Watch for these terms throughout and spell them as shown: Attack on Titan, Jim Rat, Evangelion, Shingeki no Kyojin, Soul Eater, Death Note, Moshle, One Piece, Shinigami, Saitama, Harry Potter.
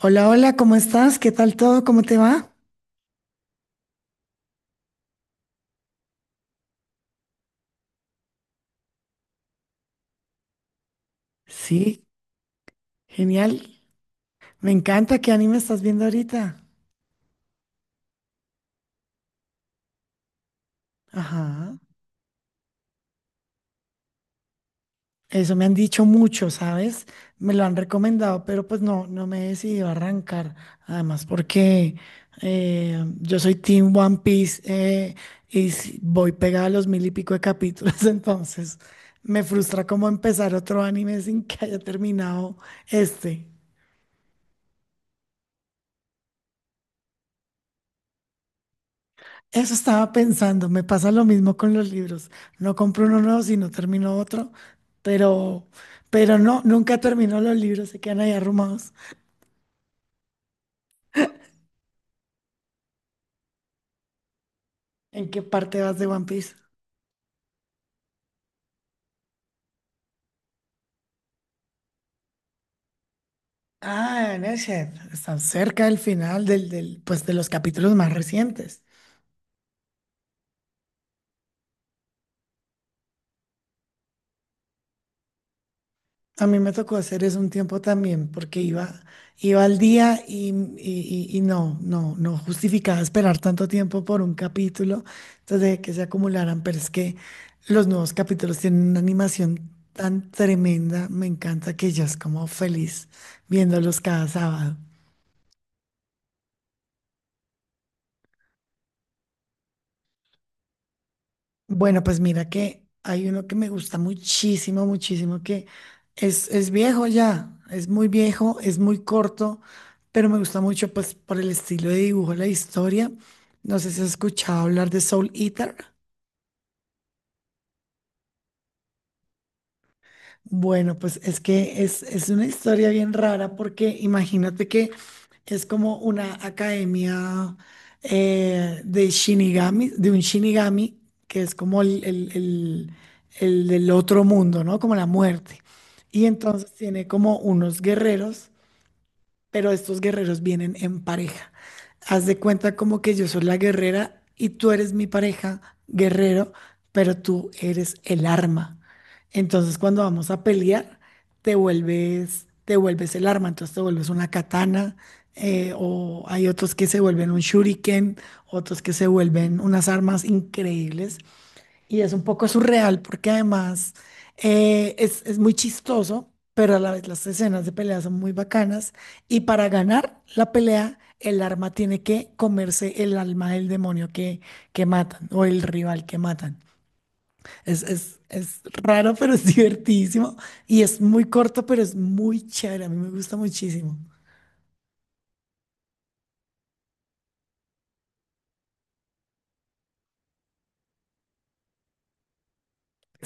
Hola, hola, ¿cómo estás? ¿Qué tal todo? ¿Cómo te va? Sí, genial. Me encanta. ¿Qué anime estás viendo ahorita? Ajá. Eso me han dicho mucho, ¿sabes? Me lo han recomendado, pero pues no, no me he decidido a arrancar. Además, porque yo soy Team One Piece voy pegada a los mil y pico de capítulos, entonces me frustra como empezar otro anime sin que haya terminado este. Eso estaba pensando, me pasa lo mismo con los libros. No compro uno nuevo, sino termino otro, pero, pero no, nunca termino los libros, se quedan ahí arrumados. ¿En qué parte vas de One Piece? Ah, en ese, están cerca del final del, pues de los capítulos más recientes. A mí me tocó hacer eso un tiempo también, porque iba al día y no, no, no justificaba esperar tanto tiempo por un capítulo, entonces dejé que se acumularan, pero es que los nuevos capítulos tienen una animación tan tremenda, me encanta que yo es como feliz viéndolos cada sábado. Bueno, pues mira que hay uno que me gusta muchísimo, muchísimo, que es viejo ya, es muy viejo, es muy corto, pero me gusta mucho pues por el estilo de dibujo, la historia. No sé si has escuchado hablar de Soul Eater. Bueno, pues es que es una historia bien rara porque imagínate que es como una academia de Shinigami, de un Shinigami, que es como el del otro mundo, ¿no? Como la muerte. Y entonces tiene como unos guerreros pero estos guerreros vienen en pareja. Haz de cuenta como que yo soy la guerrera y tú eres mi pareja, guerrero, pero tú eres el arma. Entonces, cuando vamos a pelear, te vuelves el arma, entonces te vuelves una katana, o hay otros que se vuelven un shuriken, otros que se vuelven unas armas increíbles y es un poco surreal porque además es muy chistoso, pero a la vez las escenas de pelea son muy bacanas. Y para ganar la pelea, el arma tiene que comerse el alma del demonio que matan o el rival que matan. Es raro, pero es divertidísimo. Y es muy corto, pero es muy chévere. A mí me gusta muchísimo.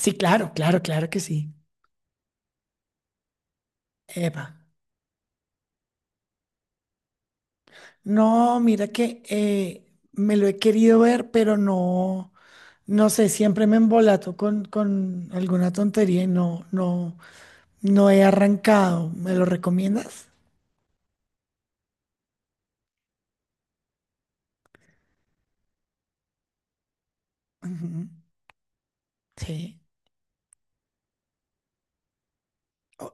Sí, claro, claro, claro que sí. Epa. No, mira que me lo he querido ver, pero no. No sé, siempre me embolato con alguna tontería y no, no, no he arrancado. ¿Me lo recomiendas? Ujú. Sí. Oh,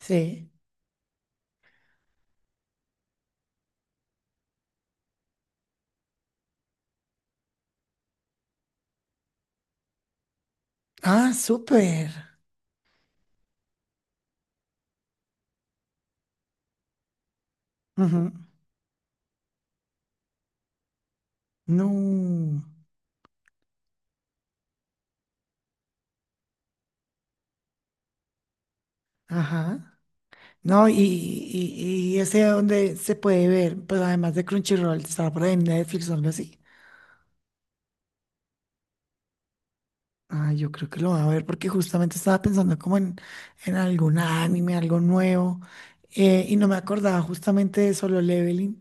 sí. Ah, súper. Ujú. No. Ajá. No, y ese donde se puede ver, pues además de Crunchyroll, está por ahí en Netflix o algo así. Ah, yo creo que lo voy a ver porque justamente estaba pensando en algún anime, algo nuevo, y no me acordaba justamente de Solo Leveling.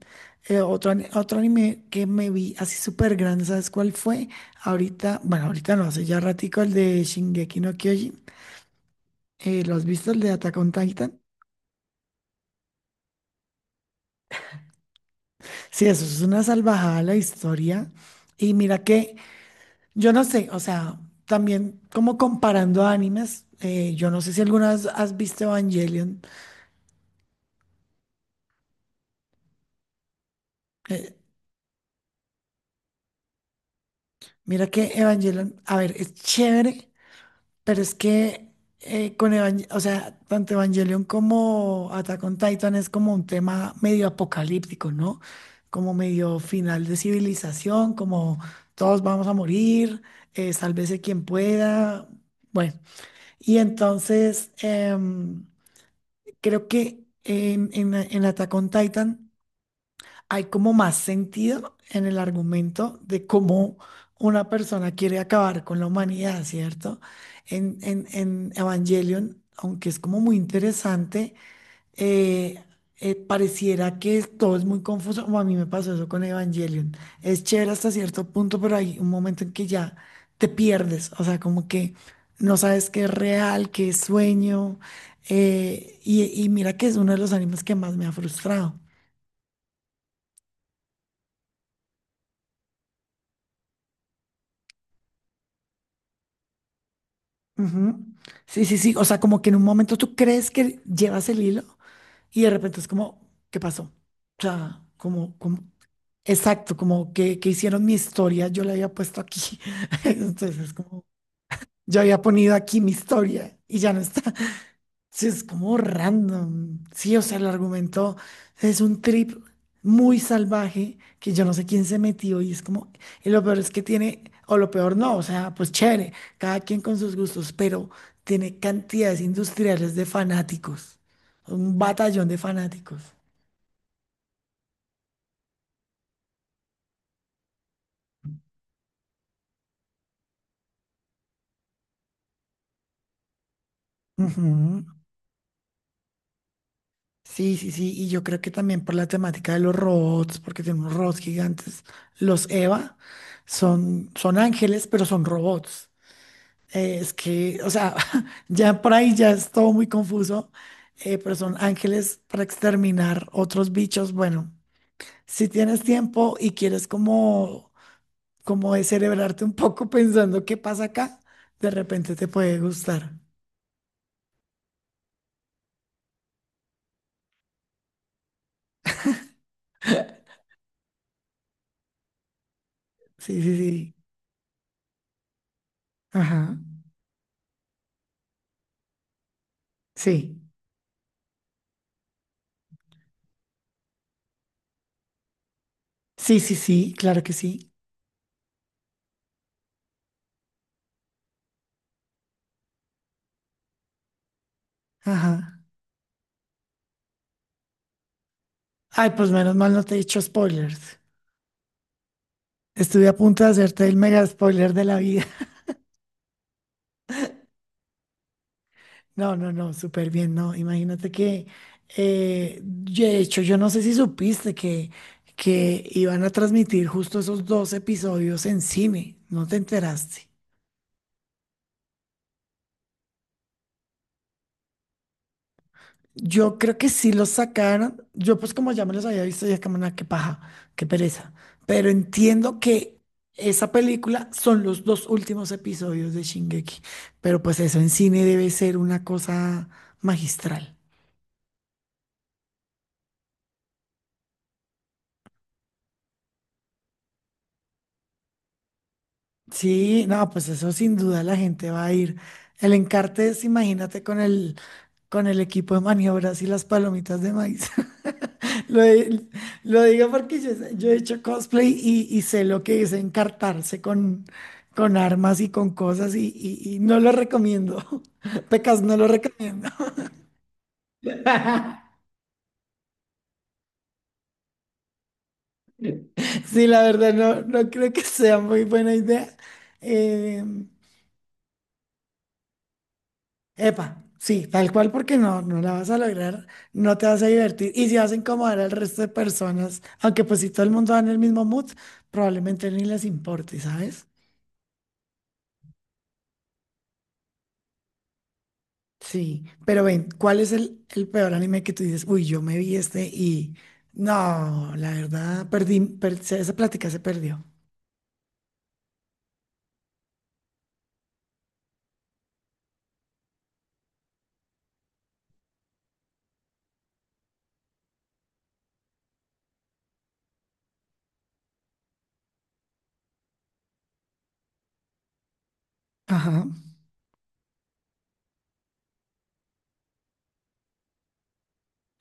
Otro anime que me vi así súper grande, ¿sabes cuál fue? Ahorita, bueno, ahorita no, hace ya ratico el de Shingeki no Kyojin. ¿Lo has visto el de Attack on Titan? Sí, eso es una salvajada la historia. Y mira que, yo no sé, o sea, también como comparando animes, yo no sé si alguna vez has visto Evangelion. eh, Mira que Evangelion, a ver, es chévere, pero es que con Evangelion, o sea, tanto Evangelion como Attack on Titan es como un tema medio apocalíptico, ¿no? Como medio final de civilización, como todos vamos a morir, sálvese quien pueda. Bueno, y entonces creo que en Attack on Titan hay como más sentido en el argumento de cómo una persona quiere acabar con la humanidad, ¿cierto? En Evangelion, aunque es como muy interesante, eh, pareciera que todo es muy confuso, o a mí me pasó eso con Evangelion. Es chévere hasta cierto punto, pero hay un momento en que ya te pierdes, o sea, como que no sabes qué es real, qué es sueño, y mira que es uno de los animes que más me ha frustrado. Ujú. Sí, sí, sí. O sea, como que en un momento tú crees que llevas el hilo y de repente es como, ¿qué pasó? O sea, exacto, como que hicieron mi historia, yo la había puesto aquí. Entonces es como, yo había ponido aquí mi historia y ya no está. Sí, es como random. Sí, o sea, el argumento es un trip muy salvaje que yo no sé quién se metió y es como, y lo peor es que tiene, o lo peor no, o sea, pues chévere, cada quien con sus gustos, pero tiene cantidades industriales de fanáticos, un batallón de fanáticos. Ujú. Sí, sí, sí, y yo creo que también por la temática de los robots, porque tenemos robots gigantes, los Eva son ángeles, pero son robots. Es que, o sea, ya por ahí ya es todo muy confuso, pero son ángeles para exterminar otros bichos. Bueno, si tienes tiempo y quieres como descerebrarte un poco pensando qué pasa acá, de repente te puede gustar. Sí, sí, sí. Ajá. Sí. Sí, sí, sí, claro que sí. Ajá. Ay, pues menos mal no te he hecho spoilers. Estuve a punto de hacerte el mega spoiler de la vida. No, no, no, súper bien, no. Imagínate que, de hecho, yo no sé si supiste que iban a transmitir justo esos dos episodios en cine, ¿no te enteraste? Yo creo que sí los sacaron, yo pues como ya me los había visto, ya como, "Nah, qué paja, qué pereza, pero entiendo que esa película son los dos últimos episodios de Shingeki, pero pues eso en cine debe ser una cosa magistral. Sí, no, pues eso sin duda la gente va a ir. El Encartes, imagínate con el equipo de maniobras y las palomitas de maíz. Lo, di- lo digo porque yo he hecho cosplay y sé lo que es encartarse con armas y con cosas y no lo recomiendo. Pecas, no lo recomiendo. Sí, la verdad, no, no creo que sea muy buena idea. Em, Epa, sí, tal cual porque no, no la vas a lograr, no te vas a divertir y si vas a incomodar al resto de personas, aunque pues si todo el mundo va en el mismo mood, probablemente ni les importe, ¿sabes? Sí, pero ven, ¿cuál es el peor anime que tú dices? Uy, yo me vi este y no, la verdad, esa plática se perdió. Ajá,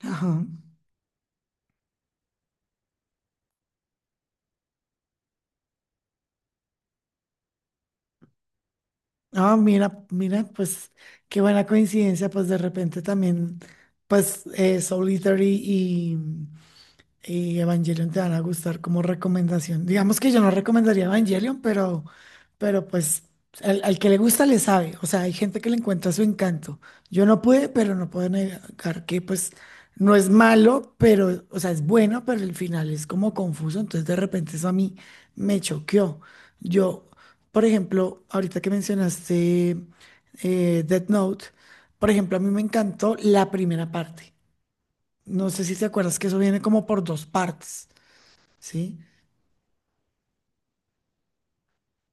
ajá. Ah, mira, mira, pues qué buena coincidencia, pues de repente también, pues Soul Eater y Evangelion te van a gustar como recomendación. Digamos que yo no recomendaría Evangelion, pero pues al que le gusta le sabe. O sea, hay gente que le encuentra su encanto. Yo no pude, pero no puedo negar que pues no es malo, pero, o sea, es bueno, pero el final es como confuso. Entonces de repente eso a mí me choqueó. Yo, por ejemplo, ahorita que mencionaste Death Note, por ejemplo, a mí me encantó la primera parte. No sé si te acuerdas que eso viene como por dos partes, ¿sí?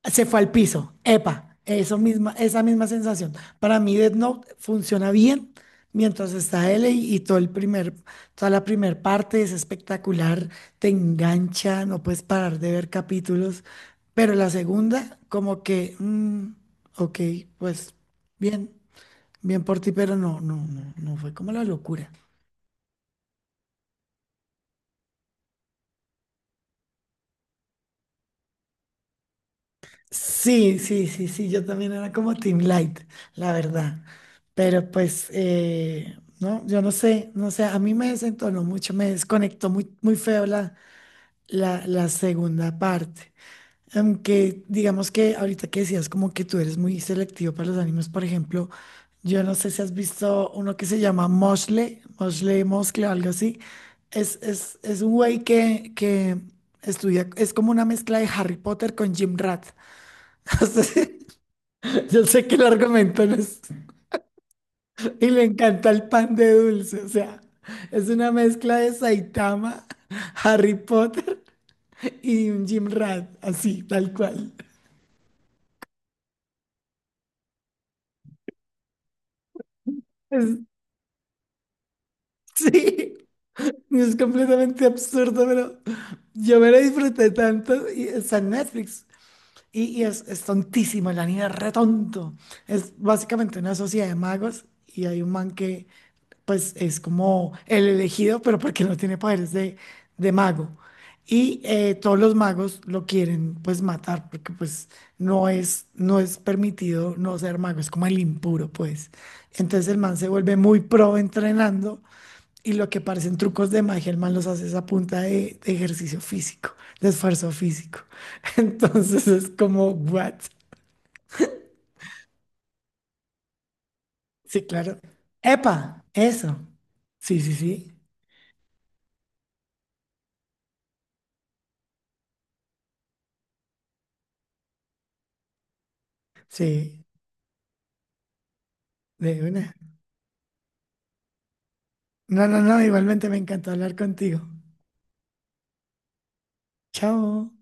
Se fue al piso, epa, eso misma, esa misma sensación. Para mí Death Note funciona bien mientras está L y todo el primer, toda la primera parte es espectacular, te engancha, no puedes parar de ver capítulos, pero la segunda como que, mm, ok, pues bien, bien por ti, pero no, no, no, no fue como la locura. Sí, sí, sí, sí, yo también era como Team Light, la verdad. Pero pues, no, yo no sé, no sé, a mí me desentonó mucho, me desconectó muy, muy feo la segunda parte. Aunque digamos que ahorita que decías como que tú eres muy selectivo para los animes, por ejemplo, yo no sé si has visto uno que se llama Moshle Moscle o algo así. Es un güey que estudia, es como una mezcla de Harry Potter con Jim Rat. Yo sé que el argumento no es... Y le encanta el pan de dulce, o sea, es una mezcla de Saitama, Harry Potter y un Jim Rat, así, tal cual. Es- sí, es completamente absurdo, pero yo me lo disfruté tanto y está en Netflix. Y es tontísimo, el anime es re tonto. Es básicamente una sociedad de magos y hay un man que pues es como el elegido, pero porque no tiene poderes de mago. Y todos los magos lo quieren pues matar, porque pues no es permitido no ser mago, es como el impuro, pues. Entonces el man se vuelve muy pro entrenando y lo que parecen trucos de magia, el man los hace es a punta de ejercicio físico, de esfuerzo físico. Entonces es como, what? Sí, claro. Epa, eso. Sí, sí, sí. Sí, de una. No, no, no, igualmente me encantó hablar contigo. Chao.